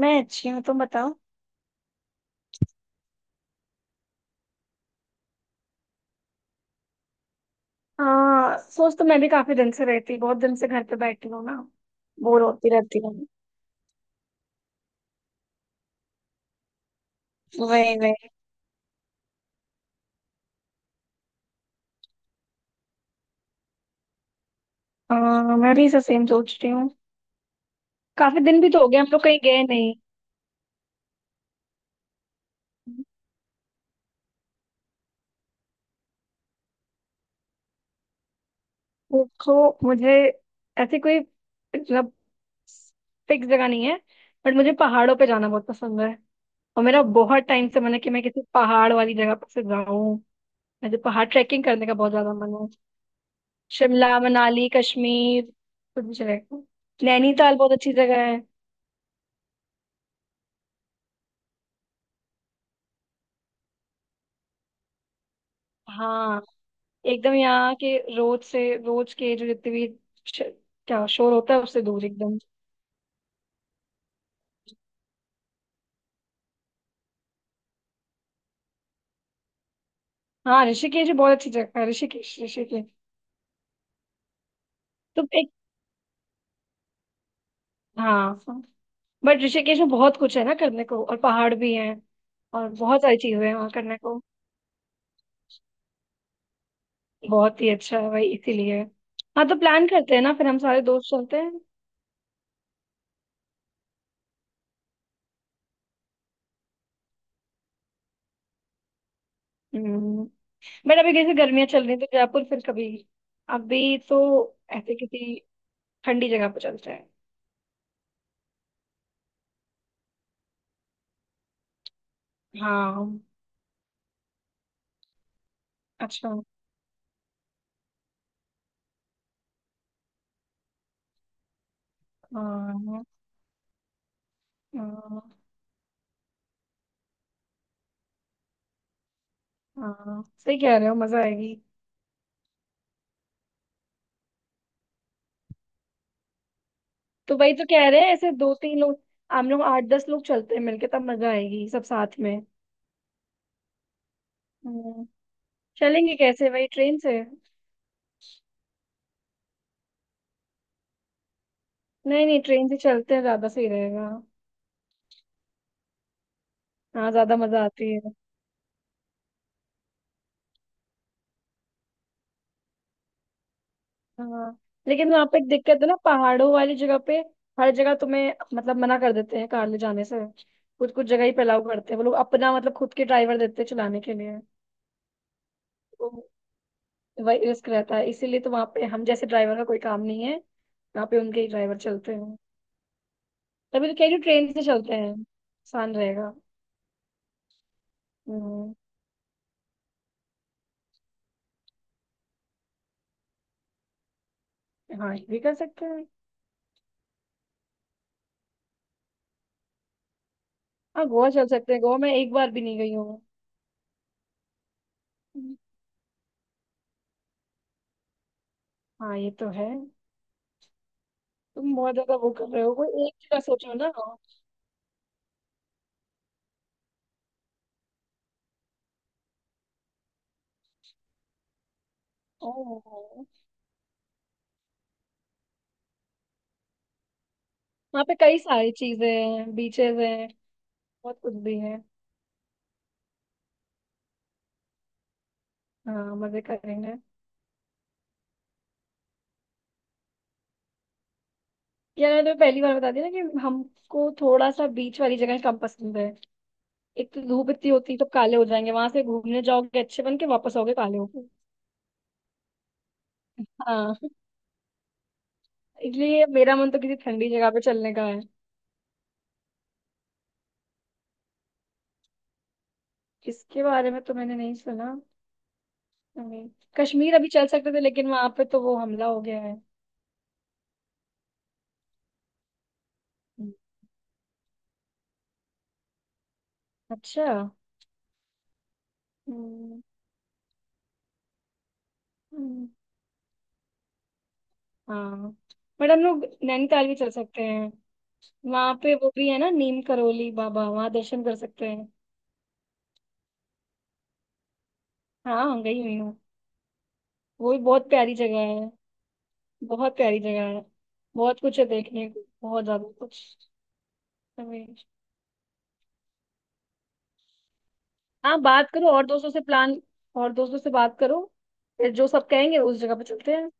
मैं अच्छी हूँ, तुम बताओ। हाँ, सोच तो मैं भी काफी दिन से रहती, बहुत दिन से घर पे बैठी हूँ ना। बोर होती रहती हूँ। वही वही। हाँ, मैं भी इसे सेम सोच रही हूँ। काफी दिन भी तो हो गए हम लोग कहीं गए नहीं। देखो, मुझे ऐसी कोई मतलब फिक्स जगह नहीं है। बट मुझे पहाड़ों पे जाना बहुत पसंद है। और मेरा बहुत टाइम से मन है कि मैं किसी पहाड़ वाली जगह पर से जाऊं। मुझे पहाड़ ट्रैकिंग करने का बहुत ज्यादा मन है। शिमला, मनाली, कश्मीर, कुछ भी चलेगा। नैनीताल बहुत अच्छी जगह है। हाँ, एकदम यहाँ के रोज से रोज के जो जितने भी श- क्या शोर होता है उससे दूर एकदम। हाँ, ऋषिकेश भी बहुत अच्छी जगह है। ऋषिकेश ऋषिकेश। तो एक, हाँ बट ऋषिकेश में बहुत कुछ है ना करने को, और पहाड़ भी हैं। और बहुत सारी चीजें हैं वहाँ करने को। बहुत ही अच्छा है भाई, इसीलिए। हाँ तो प्लान करते हैं ना, फिर हम सारे दोस्त चलते हैं। हम्म। बट अभी जैसे गर्मियां चल रही हैं, तो जयपुर फिर कभी। अभी तो ऐसे किसी ठंडी जगह पर चलते हैं। हाँ। अच्छा। हाँ। हाँ। हाँ सही कह रहे हो, मजा आएगी। तो वही तो कह रहे हैं, ऐसे दो तीन लोग। हम लोग आठ दस लोग चलते हैं मिलके, तब मजा आएगी सब साथ में। हम्म, चलेंगे कैसे, वही ट्रेन से? नहीं नहीं, ट्रेन से चलते हैं, ज्यादा सही रहेगा। हाँ ज्यादा मजा आती है। हाँ। लेकिन वहां पे एक दिक्कत है ना पहाड़ों वाली जगह पे। हर जगह तुम्हें मतलब मना कर देते हैं कार ले जाने से। कुछ कुछ जगह ही अलाउ करते हैं, वो लोग अपना मतलब खुद के ड्राइवर देते हैं चलाने के लिए। तो वही रिस्क रहता है इसीलिए, तो वहां पे हम जैसे ड्राइवर का कोई काम नहीं है, यहाँ पे उनके ही ड्राइवर चलते हैं। तभी तो कह रही हूँ ट्रेन से चलते हैं, आसान रहेगा। हम्म, हाँ ये भी कर सकते हैं। हाँ गोवा चल सकते हैं, गोवा मैं एक बार भी नहीं गई हूँ। हाँ ये तो है। तुम बहुत ज्यादा वो कर रहे हो, कोई एक जगह सोचो ना। ओह, वहाँ पे कई सारी चीजें हैं, बीचेस हैं। बहुत कुछ भी है। हाँ मजे करेंगे। यार, मैंने तुम्हें पहली बार बता दिया ना कि हमको थोड़ा सा बीच वाली जगह कम पसंद है। एक तो धूप इतनी होती है, तो काले हो जाएंगे। वहां से घूमने जाओगे अच्छे बन के, वापस आओगे काले होके। हाँ। इसलिए मेरा मन तो किसी ठंडी जगह पे चलने का है। इसके बारे में तो मैंने नहीं सुना। हमें- कश्मीर अभी चल सकते थे, लेकिन वहां पे तो वो हमला हो गया है। हम्म, अच्छा। हम्म, हम्म, हाँ। बट हम लोग नैनीताल भी चल सकते हैं। वहां पे वो भी है ना, नीम करोली बाबा, वहां दर्शन कर सकते हैं। हाँ गई हुई हूँ। वो भी बहुत प्यारी जगह है, बहुत प्यारी जगह है। बहुत कुछ है देखने को, बहुत ज्यादा कुछ। रमेश, हाँ बात करो और दोस्तों से, प्लान और दोस्तों से बात करो। फिर जो सब कहेंगे उस जगह पे चलते हैं।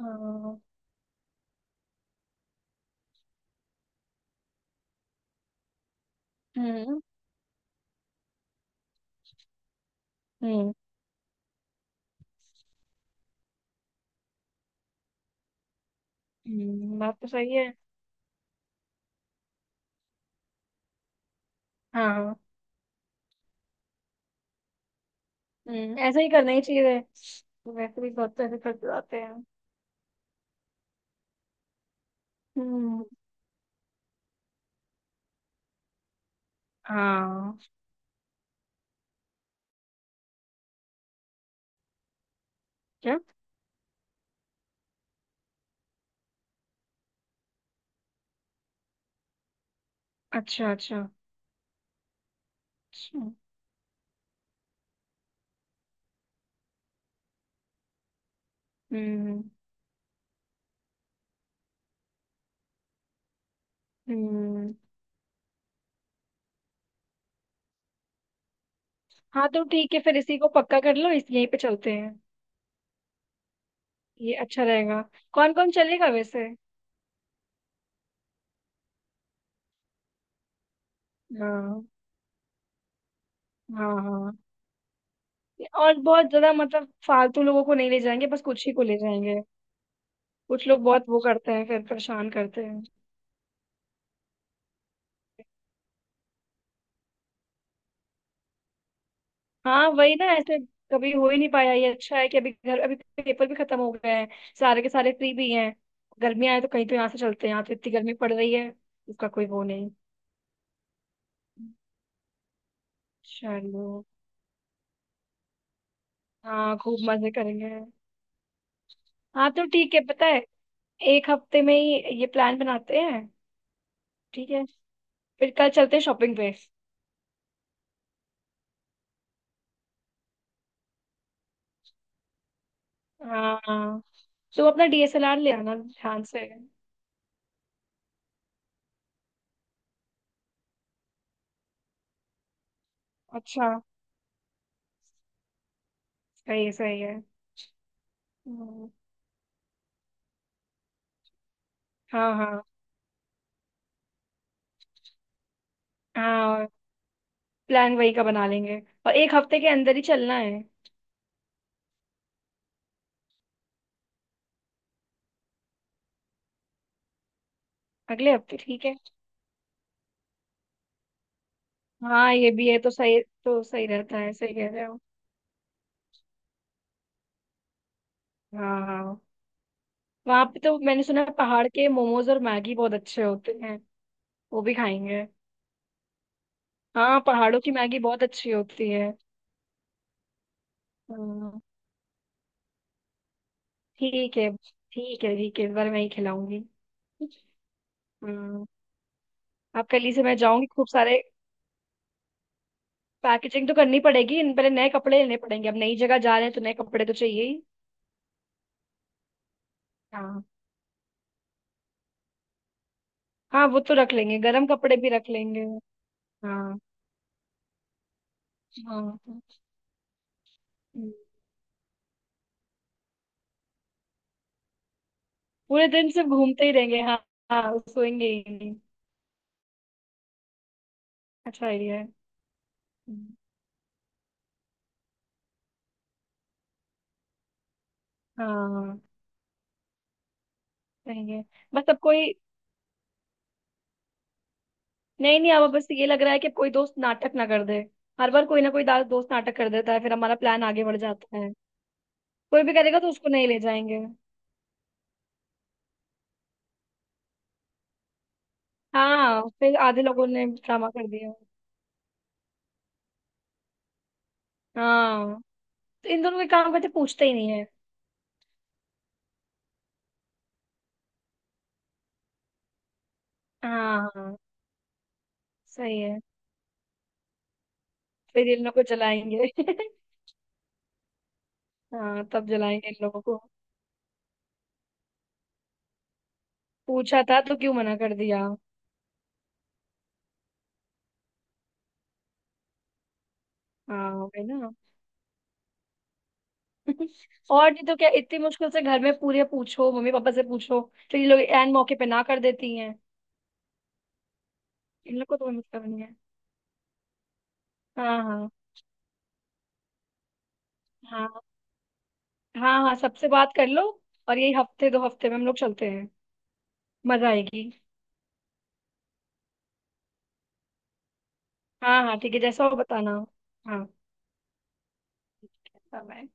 हाँ। हम्म हम्म बात तो सही है। हाँ। हम्म, ऐसा ही करना ही चाहिए। वैसे भी बहुत पैसे खर्च हो जाते हैं। हम्म। हाँ। क्या? अच्छा, अच्छा। अच्छा। हम्म हम्म हाँ तो ठीक है, फिर इसी को पक्का कर लो, इस यहीं पे चलते हैं। ये अच्छा रहेगा। कौन कौन चलेगा वैसे? हाँ। हाँ। हाँ। और बहुत ज्यादा मतलब फालतू लोगों को नहीं ले जाएंगे, बस कुछ ही को ले जाएंगे। कुछ लोग बहुत वो करते हैं, फिर परेशान करते हैं। हाँ वही ना, ऐसे कभी हो ही नहीं पाया। ये अच्छा है कि अभी घर अभी पेपर भी खत्म हो गए हैं, सारे के सारे फ्री भी हैं। गर्मियाँ है तो कहीं तो यहाँ से चलते हैं, यहाँ तो इतनी गर्मी पड़ रही है, उसका कोई वो नहीं। चलो। हाँ खूब मजे करेंगे। हाँ तो ठीक है, पता है, एक हफ्ते में ही ये प्लान बनाते हैं। ठीक है, फिर कल चलते हैं शॉपिंग पे। हाँ, हाँ तो अपना डीएसएलआर ले आना ध्यान से। अच्छा, सही है, सही है। हम्म, हाँ, हाँ। हाँ, प्लान वही का बना लेंगे, और एक हफ्ते के अंदर ही चलना है। अगले हफ्ते ठीक है। हाँ ये भी है तो सही, तो सही रहता है, सही कह रहे हो। हाँ। हाँ। वहाँ पे तो मैंने सुना है पहाड़ के मोमोज और मैगी बहुत अच्छे होते हैं, वो भी खाएंगे। हाँ पहाड़ों की मैगी बहुत अच्छी होती है। हम्म, ठीक है। ठीक है, ठीक है, इस बार मैं ही खिलाऊंगी। हम्म। अब कल ही से मैं जाऊंगी खूब सारे। पैकेजिंग तो करनी पड़ेगी, इन पहले नए कपड़े लेने पड़ेंगे, अब नई जगह जा रहे हैं तो नए कपड़े तो चाहिए ही। हाँ। हाँ वो तो रख लेंगे, गर्म कपड़े भी रख लेंगे। हाँ। हाँ। हम्म, पूरे दिन सिर्फ घूमते ही रहेंगे। हाँ, हाँ सोएंगे ही नहीं। अच्छा आइडिया है। हम्म, हाँ। सही है। बस अब कोई, नहीं नहीं, अब बस ये लग रहा है कि अब कोई दोस्त नाटक ना कर दे। हर बार कोई ना कोई दोस्त नाटक कर देता है, फिर हमारा प्लान आगे बढ़ जाता है। कोई भी करेगा तो उसको नहीं ले जाएंगे। हाँ फिर आधे लोगों ने ड्रामा कर दिया। हाँ तो इन दोनों के काम करते पूछते ही नहीं है। हाँ। हाँ। सही है, फिर इन लोग को जलाएंगे हाँ तब जलाएंगे इन लोगों को, पूछा था तो क्यों मना कर दिया। हाँ वही ना। और नहीं तो क्या, इतनी मुश्किल से घर में पूरे पूछो, मम्मी पापा से पूछो, तो ये लोग एन मौके पे ना कर देती हैं। इन लोग को तो कोई मतलब नहीं है। हाँ, हाँ। हाँ। हाँ। हाँ सबसे बात कर लो। और यही हफ्ते दो हफ्ते में हम लोग चलते हैं, मजा आएगी। हाँ हाँ ठीक है, जैसा हो बताना। हाँ। ठीक है, bye-bye।